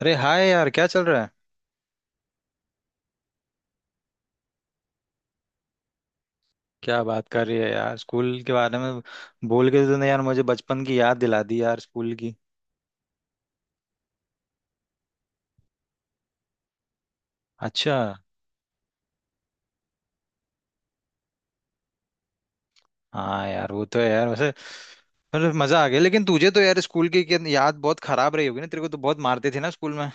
अरे हाय यार, क्या चल रहा है? क्या बात कर रही है यार, स्कूल के बारे में? बोल के तूने यार मुझे बचपन की याद दिला दी यार, स्कूल की। अच्छा। हाँ यार वो तो है यार वैसे। मतलब मजा आ गया, लेकिन तुझे तो यार स्कूल की याद बहुत खराब रही होगी ना। तेरे को तो बहुत मारते थे ना स्कूल में।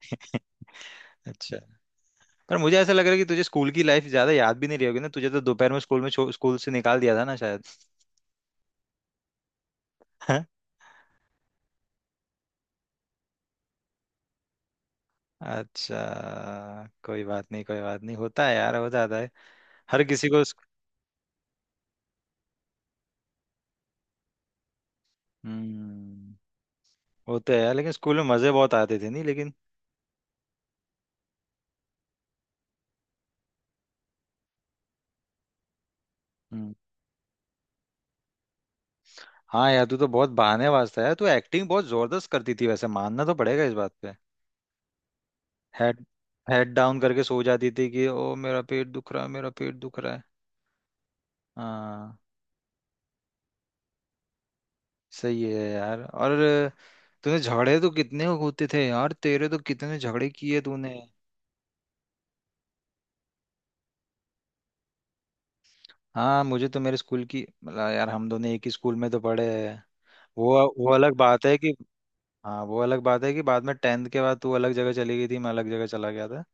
अच्छा। पर मुझे ऐसा लग रहा है कि तुझे स्कूल की लाइफ ज्यादा याद भी नहीं रही होगी ना। तुझे तो दोपहर में स्कूल में स्कूल से निकाल दिया था ना शायद। हाँ? अच्छा। कोई बात नहीं, कोई बात नहीं, होता है यार, हो जाता है हर किसी को। हम्म। वो तो है यार, लेकिन स्कूल में मजे बहुत आते थे नहीं लेकिन। हम्म। हाँ यार, तू तो बहुत बहाने वास्ता है। तू एक्टिंग बहुत जबरदस्त करती थी वैसे, मानना तो पड़ेगा इस बात पे। हेड, हेड डाउन करके सो जाती थी कि ओ मेरा पेट दुख रहा है, मेरा पेट दुख रहा है। हाँ। सही है यार। और तूने झगड़े तो कितने होते थे यार, तेरे तो कितने झगड़े किए तूने। हाँ, मुझे तो मेरे स्कूल की मतलब, यार हम दोनों एक ही स्कूल में तो पढ़े हैं। वो अलग बात है कि, हाँ वो अलग बात है कि बाद में टेंथ के बाद तू अलग जगह चली गई थी, मैं अलग जगह चला गया था।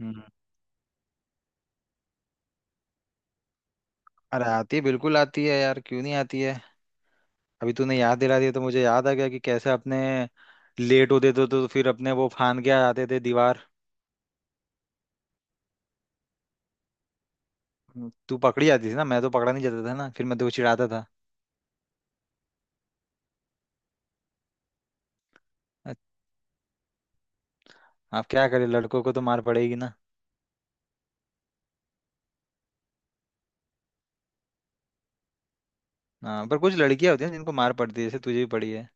हम्म। अरे आती है, बिल्कुल आती है यार, क्यों नहीं आती है। अभी तूने याद दिला दिया तो मुझे याद आ गया कि कैसे अपने लेट होते थे तो फिर अपने वो फान के आ जाते थे दीवार। तू पकड़ी जाती थी ना, मैं तो पकड़ा नहीं जाता था ना, फिर मैं तो चिढ़ाता था। आप क्या करें, लड़कों को तो मार पड़ेगी ना। हाँ, पर कुछ लड़कियां होती हैं जिनको मार पड़ती है, जैसे तुझे भी पड़ी है।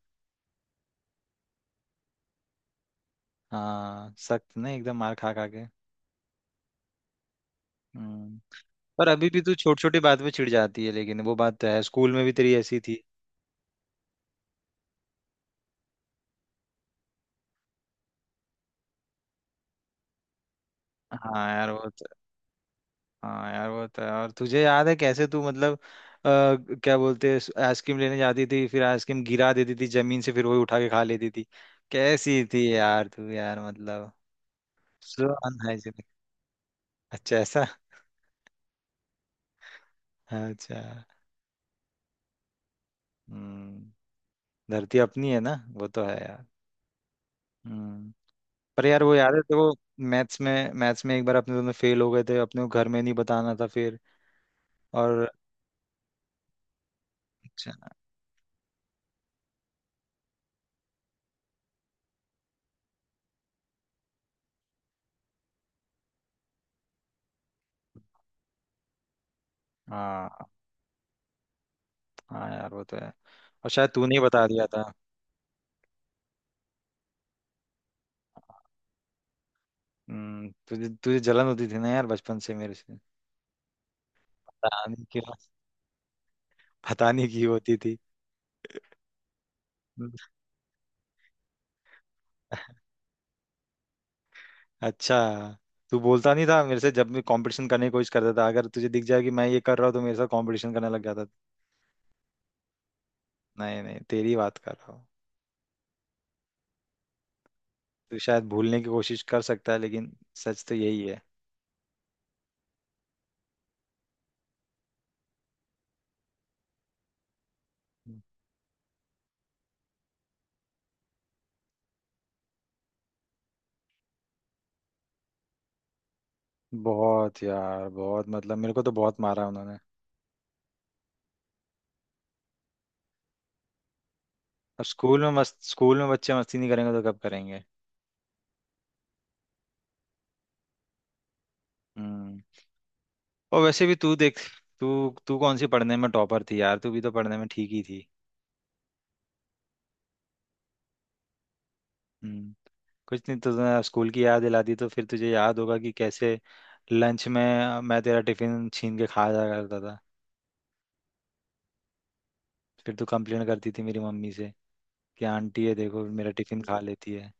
हाँ, सख्त नहीं एकदम, मार खा खा के। हम्म। पर अभी भी तू छोटी छोटी बात पे चिढ़ जाती है, लेकिन वो बात तो है, स्कूल में भी तेरी ऐसी थी। हाँ यार वो तो, हाँ यार वो तो है। और तुझे याद है कैसे तू मतलब, आ, क्या बोलते हैं, आइसक्रीम लेने जाती थी, फिर आइसक्रीम गिरा देती थी जमीन से, फिर वही उठा के खा लेती थी। कैसी थी यार तू यार, मतलब सो अनहाइजीनिक। अच्छा, ऐसा? अच्छा। हम्म। धरती अपनी है ना। वो तो है यार। हम्म। पर यार वो याद है तो वो, मैथ्स में, मैथ्स में एक बार अपने दोनों फेल हो गए थे, अपने को घर में नहीं बताना था फिर। और अच्छा। हाँ, हाँ यार वो तो है। और शायद तूने ही बता दिया था। हम्म, तुझे तुझे जलन होती थी ना यार बचपन से मेरे से। पता नहीं क्यों, पता नहीं क्यों होती थी। हम्म। अच्छा। तू बोलता नहीं था मेरे से, जब मैं कंपटीशन करने की कोशिश करता था, अगर तुझे दिख जाए कि मैं ये कर रहा हूँ तो मेरे साथ कंपटीशन करने लग जाता था। नहीं नहीं, तेरी बात कर रहा हूँ। तू शायद भूलने की कोशिश कर सकता है, लेकिन सच तो यही है। बहुत यार बहुत, मतलब मेरे को तो बहुत मारा उन्होंने। अब स्कूल में मस्त, स्कूल में बच्चे मस्ती नहीं करेंगे तो कब करेंगे? हम्म। और वैसे भी तू देख, तू तू कौन सी पढ़ने में टॉपर थी यार, तू भी तो पढ़ने में ठीक ही थी। हम्म। कुछ नहीं, तो स्कूल की याद दिला दी तो फिर तुझे याद होगा कि कैसे लंच में मैं तेरा टिफिन छीन के खा जा करता था। फिर तू कंप्लेन करती थी मेरी मम्मी से कि आंटी है देखो मेरा टिफिन खा लेती है।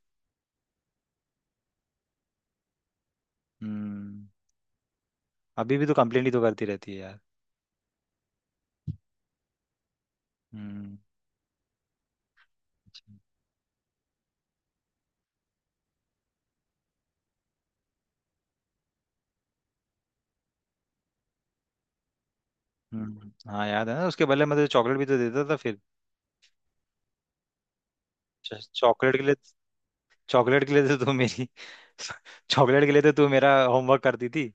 हम्म। अभी भी तो कंप्लेन ही तो करती रहती है यार। हम्म हम्म। हाँ याद है ना, उसके बदले मैं तुझे चॉकलेट भी तो देता था फिर। चॉकलेट के लिए, चॉकलेट के लिए तो तू मेरी, चॉकलेट के लिए तो तू मेरा होमवर्क करती थी।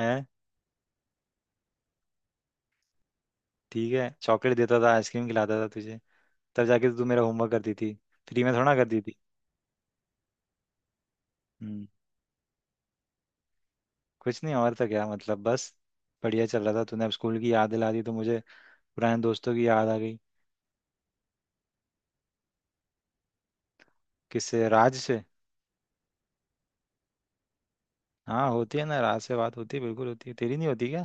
है। ठीक है, चॉकलेट देता था, आइसक्रीम खिलाता था तुझे, तब जाके तो तू मेरा होमवर्क करती थी। फ्री में थोड़ा ना करती थी। हम्म। कुछ नहीं और, तो क्या मतलब, बस बढ़िया चल रहा था, तूने अब स्कूल की याद दिला दी तो मुझे पुराने दोस्तों की याद आ गई। किससे, राज से? हाँ होती है ना, राज से बात होती है, बिल्कुल होती है। तेरी नहीं होती क्या?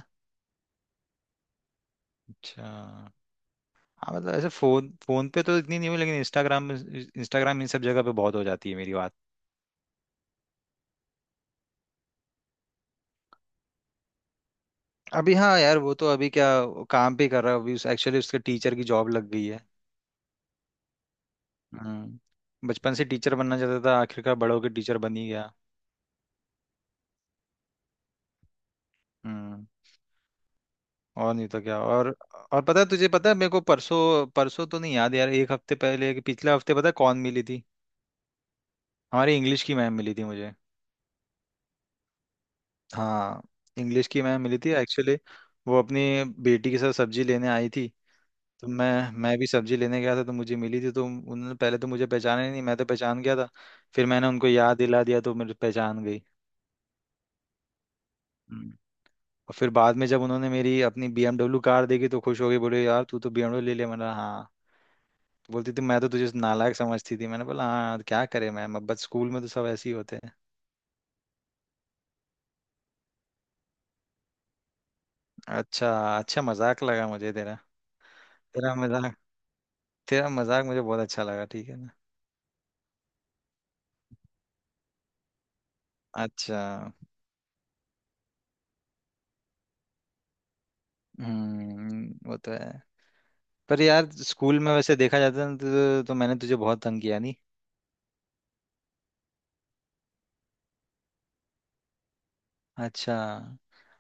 अच्छा। हाँ मतलब ऐसे फोन, फोन पे तो इतनी नहीं हुई, लेकिन इंस्टाग्राम, इंस्टाग्राम इन सब जगह पे बहुत हो जाती है मेरी बात। अभी, हाँ यार वो तो अभी क्या वो काम भी कर रहा है अभी। उस एक्चुअली उसके टीचर की जॉब लग गई है। हम्म, बचपन से टीचर बनना चाहता था, आखिरकार बड़ा होकर टीचर बन ही गया। हम्म। और नहीं तो क्या और। और पता है तुझे, पता है मेरे को परसों, परसों तो नहीं याद यार, एक हफ्ते पहले कि पिछले हफ्ते पता है कौन मिली थी? हमारी इंग्लिश की मैम मिली थी मुझे। हाँ। इंग्लिश की मैम मिली थी एक्चुअली। वो अपनी बेटी के साथ सब्जी लेने आई थी, तो मैं भी सब्जी लेने गया था तो मुझे मिली थी। तो उन्होंने पहले तो मुझे पहचाना ही नहीं, मैं तो पहचान गया था। फिर मैंने उनको याद दिला दिया तो मुझे पहचान गई। हम्म। और फिर बाद में जब उन्होंने मेरी अपनी BMW कार देखी तो खुश हो गई, बोले यार तू तो BMW ले ले, मैंने बोला हाँ। तो बोलती थी मैं तो तुझे नालायक समझती थी, मैंने बोला हाँ, क्या करे मैम, अब बस स्कूल में तो सब ऐसे ही होते हैं। अच्छा। अच्छा, मजाक लगा मुझे तेरा। तेरा मजाक, तेरा मजाक मुझे बहुत अच्छा लगा, ठीक है ना। अच्छा। हम्म, वो तो है। पर यार स्कूल में वैसे देखा जाता है ना तो मैंने तुझे बहुत तंग किया नहीं। अच्छा।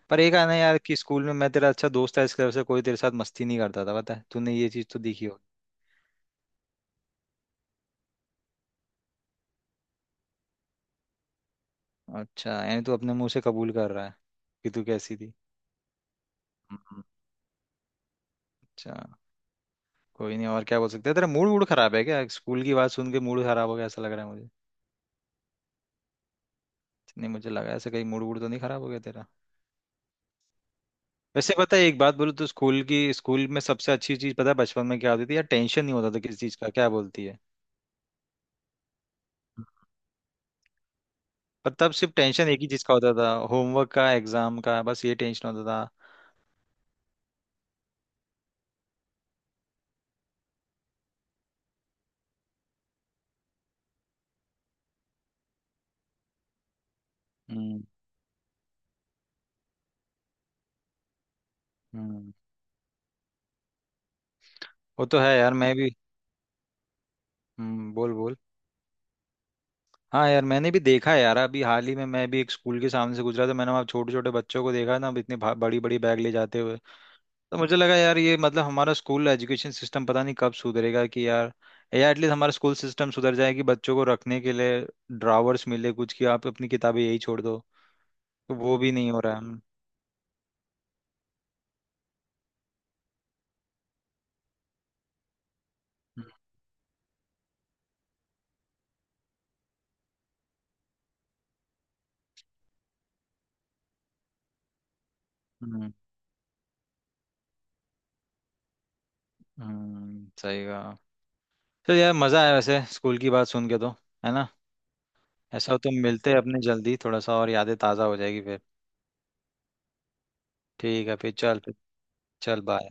पर एक आना यार, कि स्कूल में मैं तेरा अच्छा दोस्त था, इसकी वजह से कोई तेरे साथ मस्ती नहीं करता था, पता है, तूने ये चीज तो देखी। अच्छा, यानी तू अपने मुंह से कबूल कर रहा है कि तू कैसी थी। हम्म। अच्छा। कोई नहीं, और क्या बोल सकते हैं। तेरा मूड वूड खराब है क्या? स्कूल की बात सुन के मूड खराब हो गया ऐसा लग रहा है मुझे। नहीं, मुझे लगा ऐसा, कहीं मूड वूड तो नहीं खराब हो गया तेरा। वैसे पता है एक बात बोलूं तो स्कूल की, स्कूल में सबसे अच्छी चीज पता है बचपन में क्या होती थी यार, टेंशन नहीं होता था किसी चीज का, क्या बोलती है? पर तब सिर्फ टेंशन एक ही चीज का होता था, होमवर्क का, एग्जाम का, बस ये टेंशन होता था। हम्म। हम्म, वो तो है यार, मैं भी। हम्म, बोल बोल। हाँ यार, मैंने भी देखा है यार, अभी हाल ही में मैं भी एक स्कूल के सामने से गुजरा था, मैंने वहाँ छोटे छोटे बच्चों को देखा ना, अब इतनी बड़ी बड़ी बैग ले जाते हुए। तो मुझे लगा यार ये मतलब हमारा स्कूल एजुकेशन सिस्टम पता नहीं कब सुधरेगा कि यार, या एटलीस्ट हमारा स्कूल सिस्टम सुधर जाए कि बच्चों को रखने के लिए ड्रावर्स मिले कुछ, कि आप अपनी किताबें यही छोड़ दो। तो वो भी नहीं हो रहा है। हम्म। हम्म, सही कहा। तो यार मजा आया वैसे स्कूल की बात सुन के तो। है ना। ऐसा हो तो मिलते हैं अपने जल्दी थोड़ा सा, और यादें ताज़ा हो जाएगी फिर। ठीक है फिर, चल फिर। चल बाय।